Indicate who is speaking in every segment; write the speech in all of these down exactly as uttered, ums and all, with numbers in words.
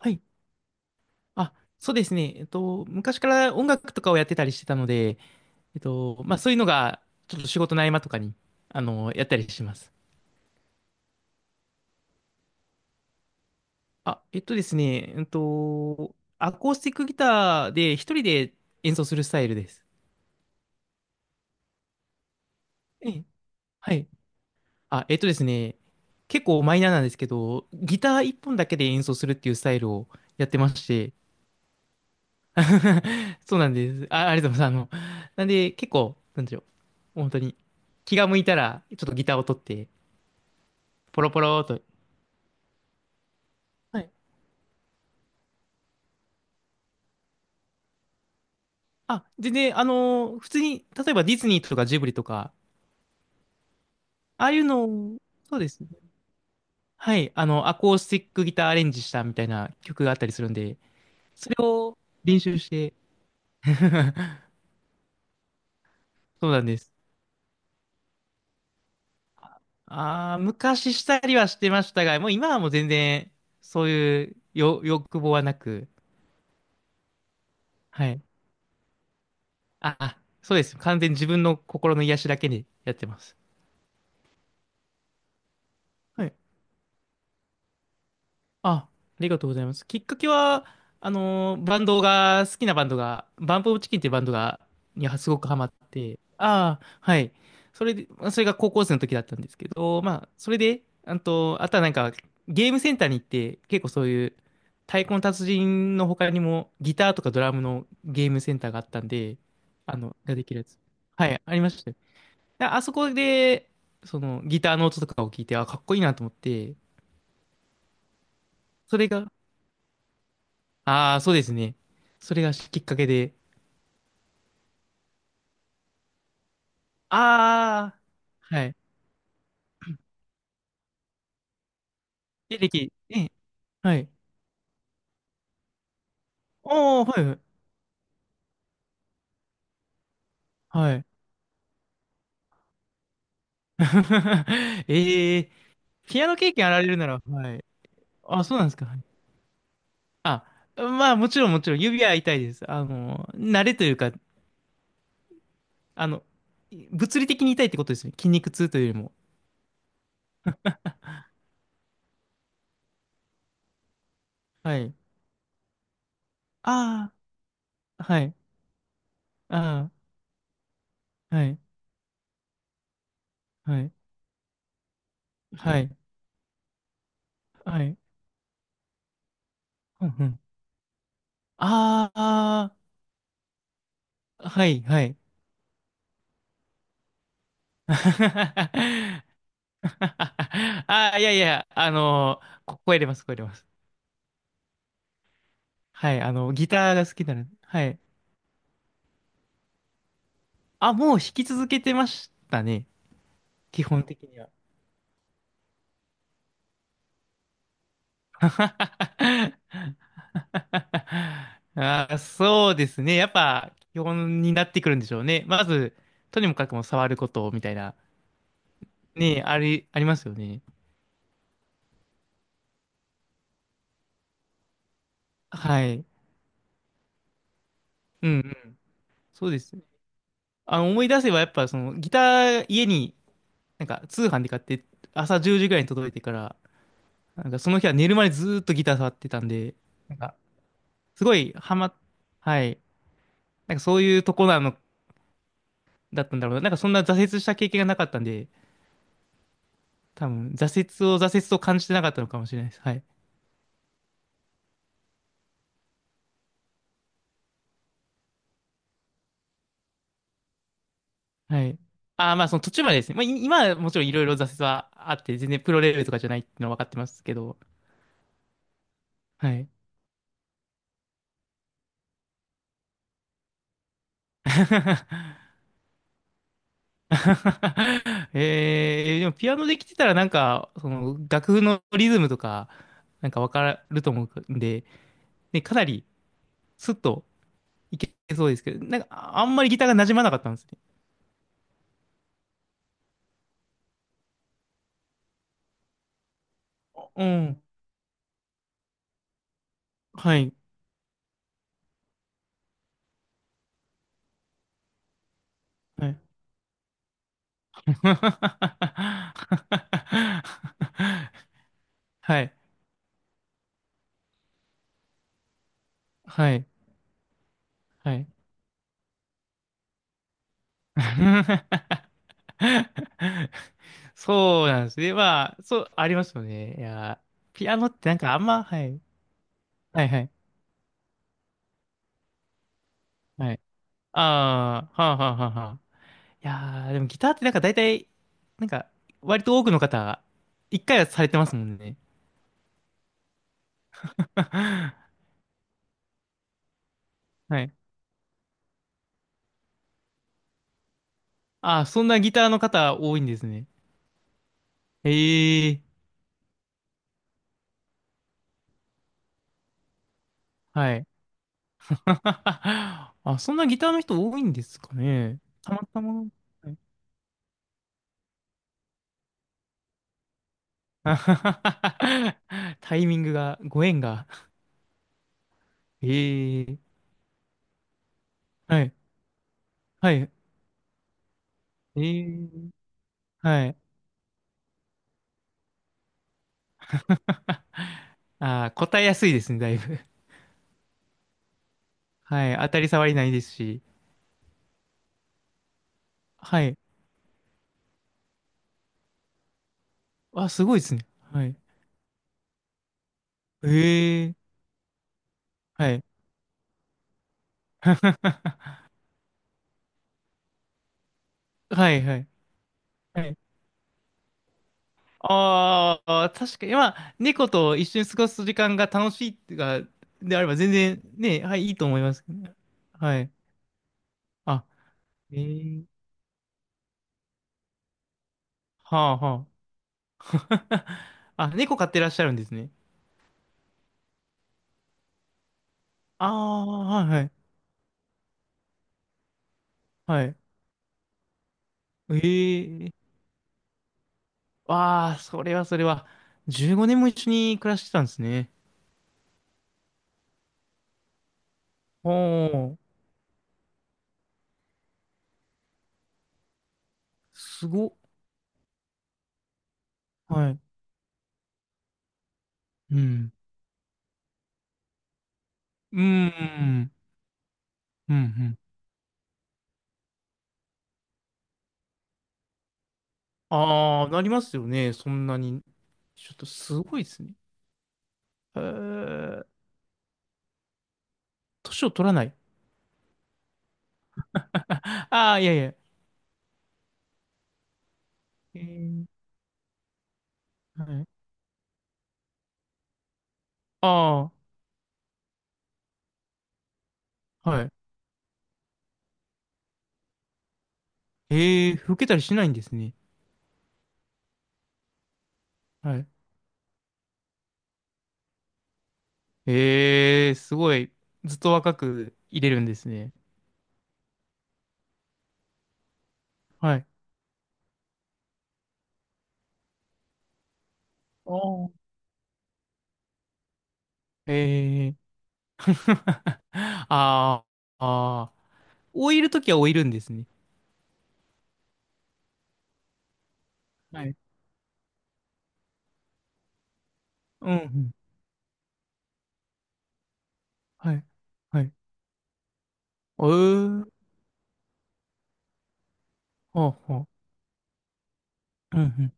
Speaker 1: はい。あ、そうですね。えっと、昔から音楽とかをやってたりしてたので、えっと、まあそういうのが、ちょっと仕事の合間とかに、あの、やったりします。あ、えっとですね、えっと、アコースティックギターで一人で演奏するスタイルです。ええ、はい。あ、えっとですね、結構マイナーなんですけど、ギター一本だけで演奏するっていうスタイルをやってまして、そうなんです。あ、ありがとうございます。あの、なんで、結構、なんでしょう。本当に、気が向いたら、ちょっとギターを取って、ポロポローと。はい。あ、全然、あのー普通に、例えばディズニーとかジブリとか、ああいうのを、そうですね。はい。あの、アコースティックギターアレンジしたみたいな曲があったりするんで、それを練習して、そうなんです。ああ、昔したりはしてましたが、もう今はもう全然、そういうよ欲望はなく、はい。あ、そうです。完全に自分の心の癒しだけにやってます。はい。あ、ありがとうございます。きっかけは、あのーバンドが、好きなバンドが、バンプオブチキンっていうバンドが、にはすごくハマって、ああ、はい。それで、まあそれが高校生の時だったんですけど、まあ、それで、あと、あとはなんか、ゲームセンターに行って、結構そういう、太鼓の達人の他にも、ギターとかドラムのゲームセンターがあったんで、あの、ができるやつ。はい、ありましたよ。ああそこで、そのギターの音とかを聞いて、あ、かっこいいなと思って、それが、ああ、そうですね。それがきっかけで、ああ、はい。でできえはい。おー、はい、はい。ええ、ピアノ経験あられるなら、はい。あ、そうなんですか。はい。あ、まあ、もちろん、もちろん、指は痛いです。あの、慣れというか、あの、物理的に痛いってことですね。筋肉痛というよりも。はい。ああ、はい。ああ、はい。はい。はい。はい。うんうん。ああ、はい、はい。ああ、いやいや、あのこ声出ます、声出ます。はい、あの、ギターが好きなので、はい。あ、もう弾き続けてましたね、基本的には。あー、そうですね。やっぱ、基本になってくるんでしょうね。まず、とにもかくも触ることみたいな、ね、あり、ありますよね。はい。うんうん。そうです。あの、思い出せばやっぱそのギター家になんか通販で買って朝じゅうじぐらいに届いてから、なんかその日は寝るまでずーっとギター触ってたんで、なんかすごいハマっ、はい。なんかそういうとこなの、だったんだろうな。なんかそんな挫折した経験がなかったんで、多分挫折を挫折と感じてなかったのかもしれないです。はい。はい。ああ、まあその途中までですね。まあい今はもちろんいろいろ挫折はあって、全然プロレベルとかじゃないっていうのは分かってますけど、はい。えー、でもピアノできてたらなんか、その楽譜のリズムとか、なんかわかると思うんで、ね、かなりスッといけそうですけど、なんかああんまりギターが馴染まなかったんですね。うん。はい。はい。はい。はい。はい。そうなんですね。まあ、そう、ありますよね。いや、ピアノってなんかあんま、はい。はいはい。はい。ああ、はあはあはあはあ。いやー、でもギターってなんか大体、なんか、割と多くの方、一回はされてますもんね。はい。ああ、そんなギターの方多いんですね。ええ、はい。あ、そんなギターの人多いんですかね。たまたま。はい。 タイミングが、ご縁が。ええ、はい。はい。ええ、はい。ああ、答えやすいですね、だいぶ。はい。当たり障りないですし。はい。あ、すごいですね。はい。ええ、はい。はいはい。はい。ああ、確かに、まあ、猫と一緒に過ごす時間が楽しいってか、であれば全然ね、はい、いいと思います。はい。あ、ええ、はあはあ。あ、猫飼ってらっしゃるんですね。ああ、はいはい。はい。ええ、わあ、それはそれは。じゅうごねんも一緒に暮らしてたんですね。おー、すごっ。はい。うん。うーん。うんうん。ああ、なりますよね。そんなに。ちょっとすごいですね。えー、年を取らない。ああー、いやいや。えー、はい。ああ、はい。えー、老けたりしないんですね。はい。えー、すごい。ずっと若くいれるんですね。はい。あー、えー。ああ、ああ。老いるときは老いるんですね。はい。うん、うん。はい。はい。えー、はあ、はあ。うん、うん。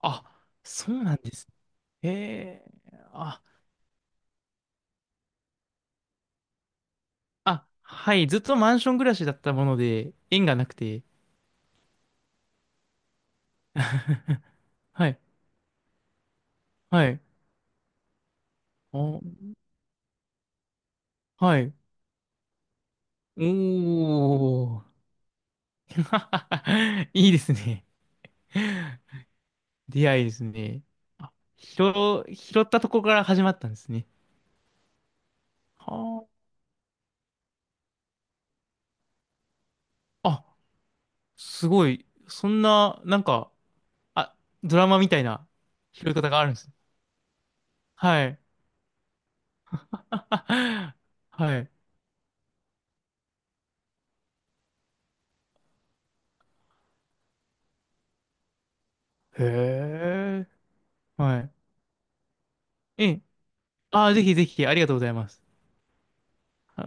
Speaker 1: あ、そうなんです。へえ。あ、あ、はい。ずっとマンション暮らしだったもので、縁がなくて。はい。はい。お、はい。おー。いいですね。出会いですね。あ、拾、拾ったとこから始まったんですね。はあ。あ、すごい。そんな、なんか、あ、ドラマみたいな拾い方があるんです。はい。はい。へえ。はい。ええ、ああ、ぜひぜひ、ありがとうございます。はい。